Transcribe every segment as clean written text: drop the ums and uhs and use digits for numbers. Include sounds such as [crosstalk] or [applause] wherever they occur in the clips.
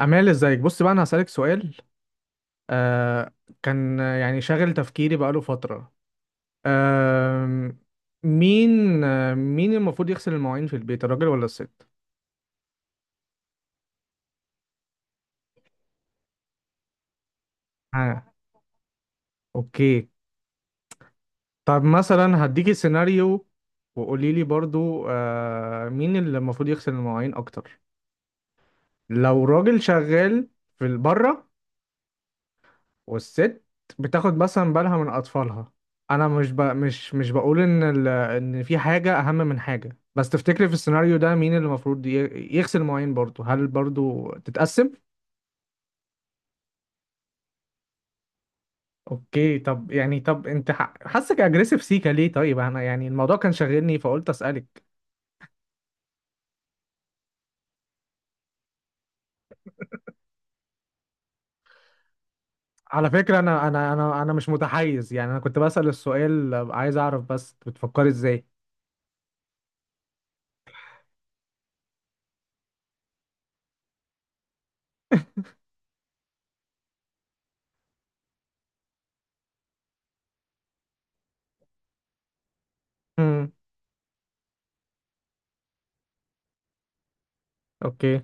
أمال ازيك؟ بص بقى، أنا هسألك سؤال. آه. كان يعني شاغل تفكيري بقاله فترة. آه. مين المفروض يغسل المواعين في البيت، الراجل ولا الست؟ آه. أوكي. طب مثلا هديكي سيناريو، وقولي لي برضو، مين اللي المفروض يغسل المواعين أكتر؟ لو راجل شغال في بره، والست بتاخد مثلا بالها من اطفالها. انا مش ب... مش مش بقول ان في حاجه اهم من حاجه، بس تفتكري في السيناريو ده مين اللي المفروض يغسل المواعين؟ برضه، هل برضه تتقسم؟ اوكي. طب انت حاسك اجريسيف سيكا ليه؟ طيب انا يعني الموضوع كان شاغلني فقلت اسالك. على فكره انا مش متحيز، يعني انا كنت بسال السؤال، عايز اعرف بس بتفكري ازاي. امم. اوكي.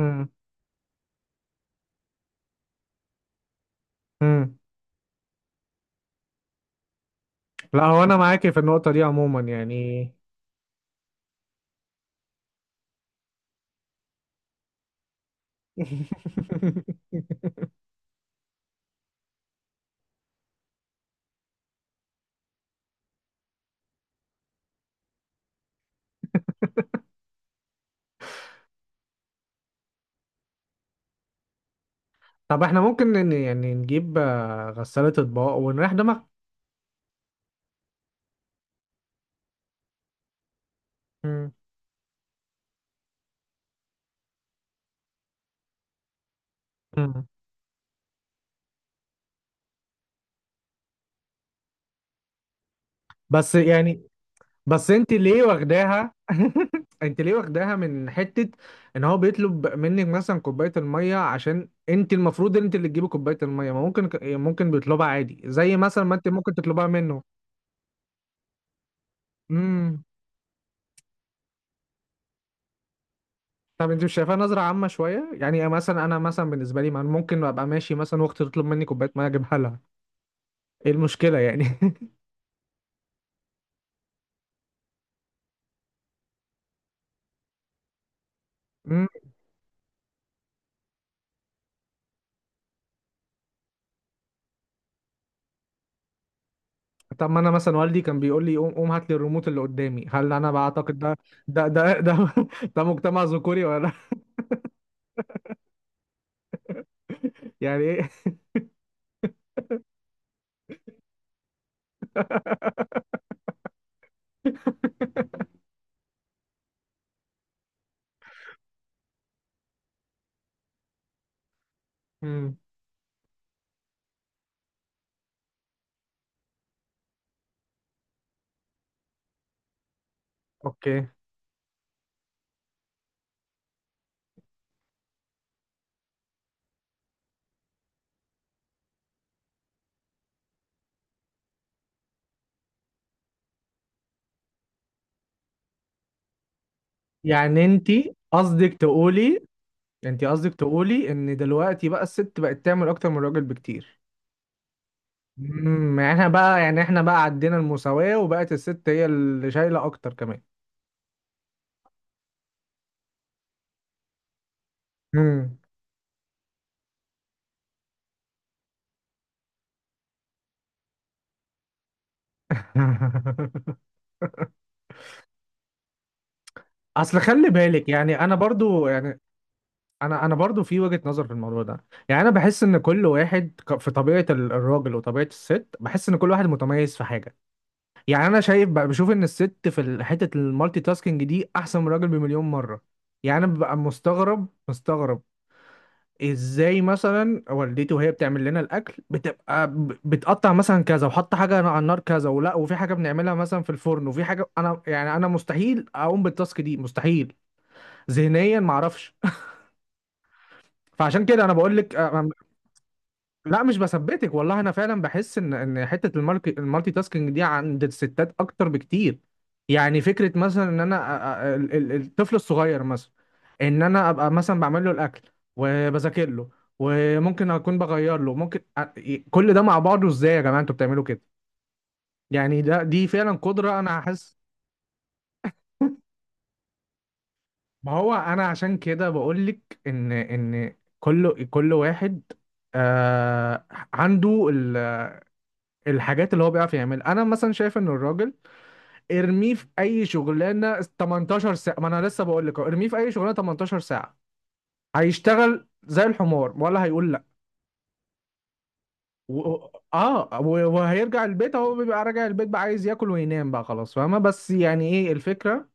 امم. امم. لا هو انا معاكي في النقطه دي عموما يعني. [laughs] طب احنا ممكن يعني نجيب غسالة اطباق ونريح دماغ. مم. مم. بس يعني. بس انت ليه واخداها؟ [laughs] انت ليه واخداها من حتة ان هو بيطلب منك مثلا كوباية المية؟ عشان انت المفروض انت اللي تجيبي كوباية المية؟ ما ممكن، ممكن بيطلبها عادي، زي مثلا ما انت ممكن تطلبها منه. امم. طب انت مش شايفاها نظرة عامة شوية؟ يعني مثلا انا، مثلا بالنسبة لي، ما أنا ممكن ابقى ماشي مثلا واختي تطلب مني كوباية مية اجيبها لها. ايه المشكلة يعني؟ [laughs] مم. طب ما انا مثلا والدي كان بيقول لي قوم قوم هات لي الريموت اللي قدامي. هل انا بعتقد ده ده؟ [laughs] ده مجتمع ذكوري ولا [laughs] لأ؟ يعني ايه؟ [laughs] مم. اوكي. يعني انت قصدك تقولي، ان دلوقتي بقى الست بقت تعمل اكتر من الراجل بكتير؟ امم. يعني احنا بقى، عدينا المساواة وبقت الست هي اللي شايلة اكتر كمان؟ مم. [laughs] اصل خلي بالك يعني، انا برضو يعني، انا برضو في وجهة نظر في الموضوع ده. يعني انا بحس ان كل واحد، في طبيعة الراجل وطبيعة الست، بحس ان كل واحد متميز في حاجة. يعني انا شايف بقى، بشوف ان الست في حتة المالتي تاسكينج دي احسن من الراجل بمليون مرة. يعني انا ببقى مستغرب مستغرب، ازاي مثلا والدتي وهي بتعمل لنا الاكل بتبقى بتقطع مثلا كذا، وحط حاجة على النار كذا ولا، وفي حاجة بنعملها مثلا في الفرن، وفي حاجة. انا يعني انا مستحيل اقوم بالتاسك دي، مستحيل. ذهنيا معرفش. [laughs] فعشان كده انا بقول لك. لا مش بثبتك والله، انا فعلا بحس ان حته المارك المالتي تاسكينج دي عند الستات اكتر بكتير. يعني فكره مثلا ان انا، الطفل الصغير مثلا، ان انا ابقى مثلا بعمل له الاكل، وبذاكر له، وممكن اكون بغير له، ممكن. كل ده مع بعضه ازاي؟ يا جماعه، انتوا بتعملوا كده؟ يعني دي فعلا قدره انا حاسس. ما هو انا عشان كده بقول لك ان كل واحد آه عنده الحاجات اللي هو بيعرف يعملها. انا مثلا شايف ان الراجل، ارميه في اي شغلانه 18 ساعه. ما انا لسه بقول لك ارميه في اي شغلانه 18 ساعه، هيشتغل زي الحمار ولا هيقول لا؟ و... اه و- وهيرجع البيت. هو بيبقى راجع البيت بقى عايز ياكل وينام بقى، خلاص فاهمه؟ بس يعني ايه الفكره؟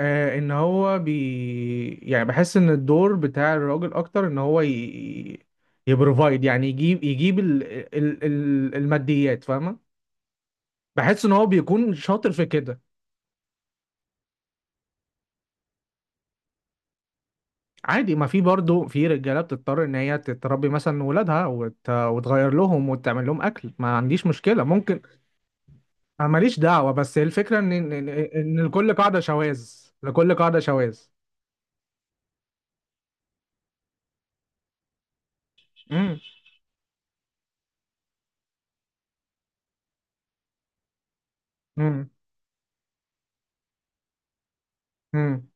ان هو يعني بحس ان الدور بتاع الراجل اكتر، ان هو يبروفايد، يعني يجيب، الماديات، فاهمه؟ بحس ان هو بيكون شاطر في كده. عادي، ما في برضه في رجاله بتضطر ان هي تتربي مثلا ولادها، وتغير لهم، وتعمل لهم اكل، ما عنديش مشكله ممكن. انا ماليش دعوه. بس الفكره ان إن لكل قاعده شواذ. لكل قاعده شواذ. امم. امم. امم.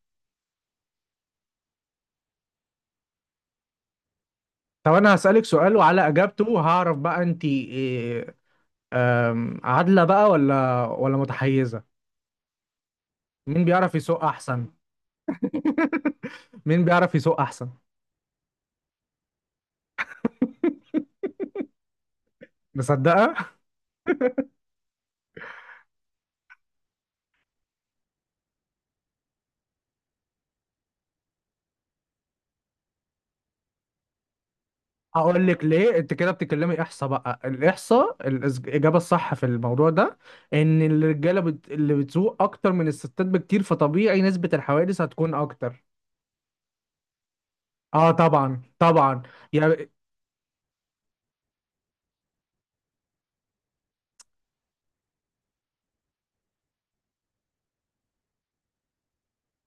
طب انا هسالك سؤال، وعلى اجابته هعرف بقى انت إيه، عادله بقى ولا متحيزه. مين بيعرف يسوق احسن؟ [laughs] مين بيعرف يسوق احسن؟ مصدقه. هقول لك ليه انت كده بتتكلمي احصاء. بقى الاحصاء، الاجابه الصح في الموضوع ده، ان الرجاله اللي بتسوق اكتر من الستات بكتير، فطبيعي نسبه الحوادث هتكون اكتر. اه طبعا طبعا. يعني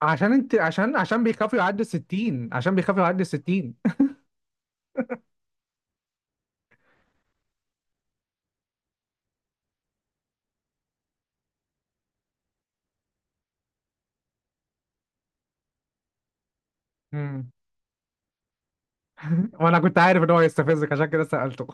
عشان بيخافوا يعدوا 60، عشان بيخافوا يعدوا 60. مم. [laughs] وانا كنت عارف ان هو هيستفزك عشان كده سالته.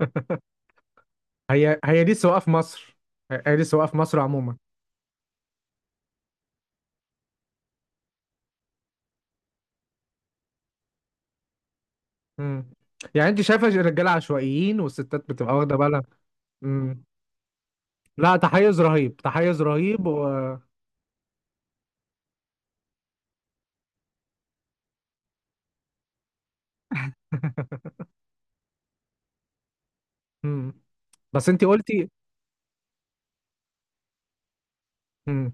[laughs] هي دي السواقه في مصر، هي دي السواقه في مصر عموما. مم. يعني انت شايفه الرجاله عشوائيين والستات بتبقى واخده بالها؟ مم. لا تحيز رهيب، تحيز رهيب، [laughs] مم. بس انت قلتي. مم.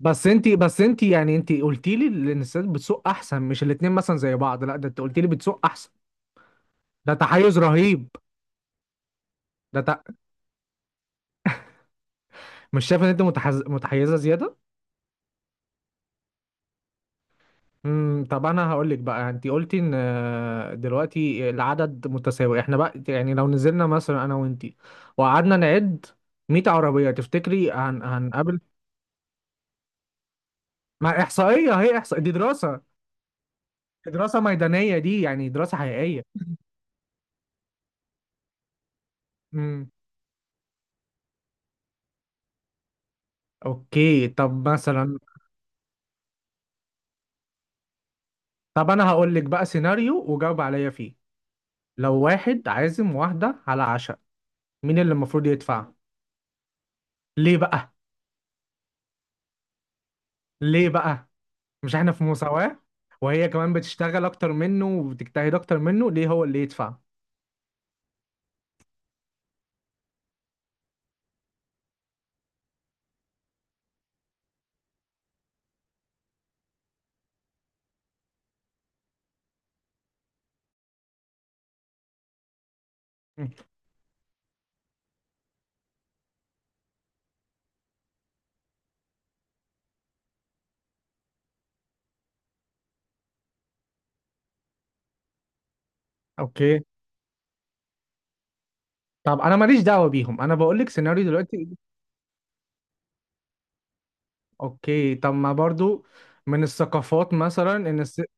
بس انت يعني، انت قلتي لي ان الستات بتسوق احسن، مش الاتنين مثلا زي بعض، لا ده انت قلتي لي بتسوق احسن. ده تحيز رهيب. ده ت... مش شايفه ان انت متحيزه زياده؟ امم. طب انا هقول لك بقى، انت قلتي ان دلوقتي العدد متساوي. احنا بقى يعني لو نزلنا مثلا انا وانت، وقعدنا نعد 100 عربيه، تفتكري هنقابل؟ ما احصائيه، هي احصائيه دي دراسه، دراسة ميدانية دي يعني، دراسة حقيقية. امم. اوكي. طب مثلا. طب انا هقول لك بقى سيناريو وجاوب عليا فيه. لو واحد عازم واحدة على عشاء، مين اللي المفروض يدفع؟ ليه بقى؟ ليه بقى؟ مش احنا في مساواة؟ وهي كمان بتشتغل اكتر منه وبتجتهد اكتر منه، ليه هو اللي يدفع؟ مم. اوكي. طب انا ماليش دعوة بيهم، انا بقول لك سيناريو دلوقتي. اوكي. طب ما برضو من الثقافات مثلا ان الست.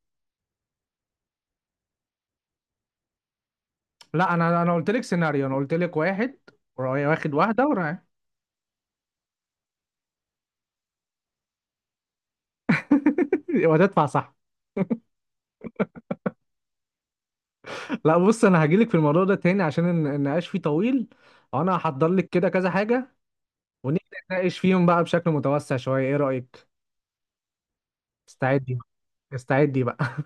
لا انا، قلت لك سيناريو، انا قلت لك واحد واخد واحده ورايح. [laughs] وهتدفع صح. لا بص، انا هجيلك في الموضوع ده تاني عشان النقاش فيه طويل، وانا هحضر لك كده كذا حاجه ونبدا نتناقش فيهم بقى بشكل متوسع شويه. ايه رايك؟ استعدي. استعدي بقى.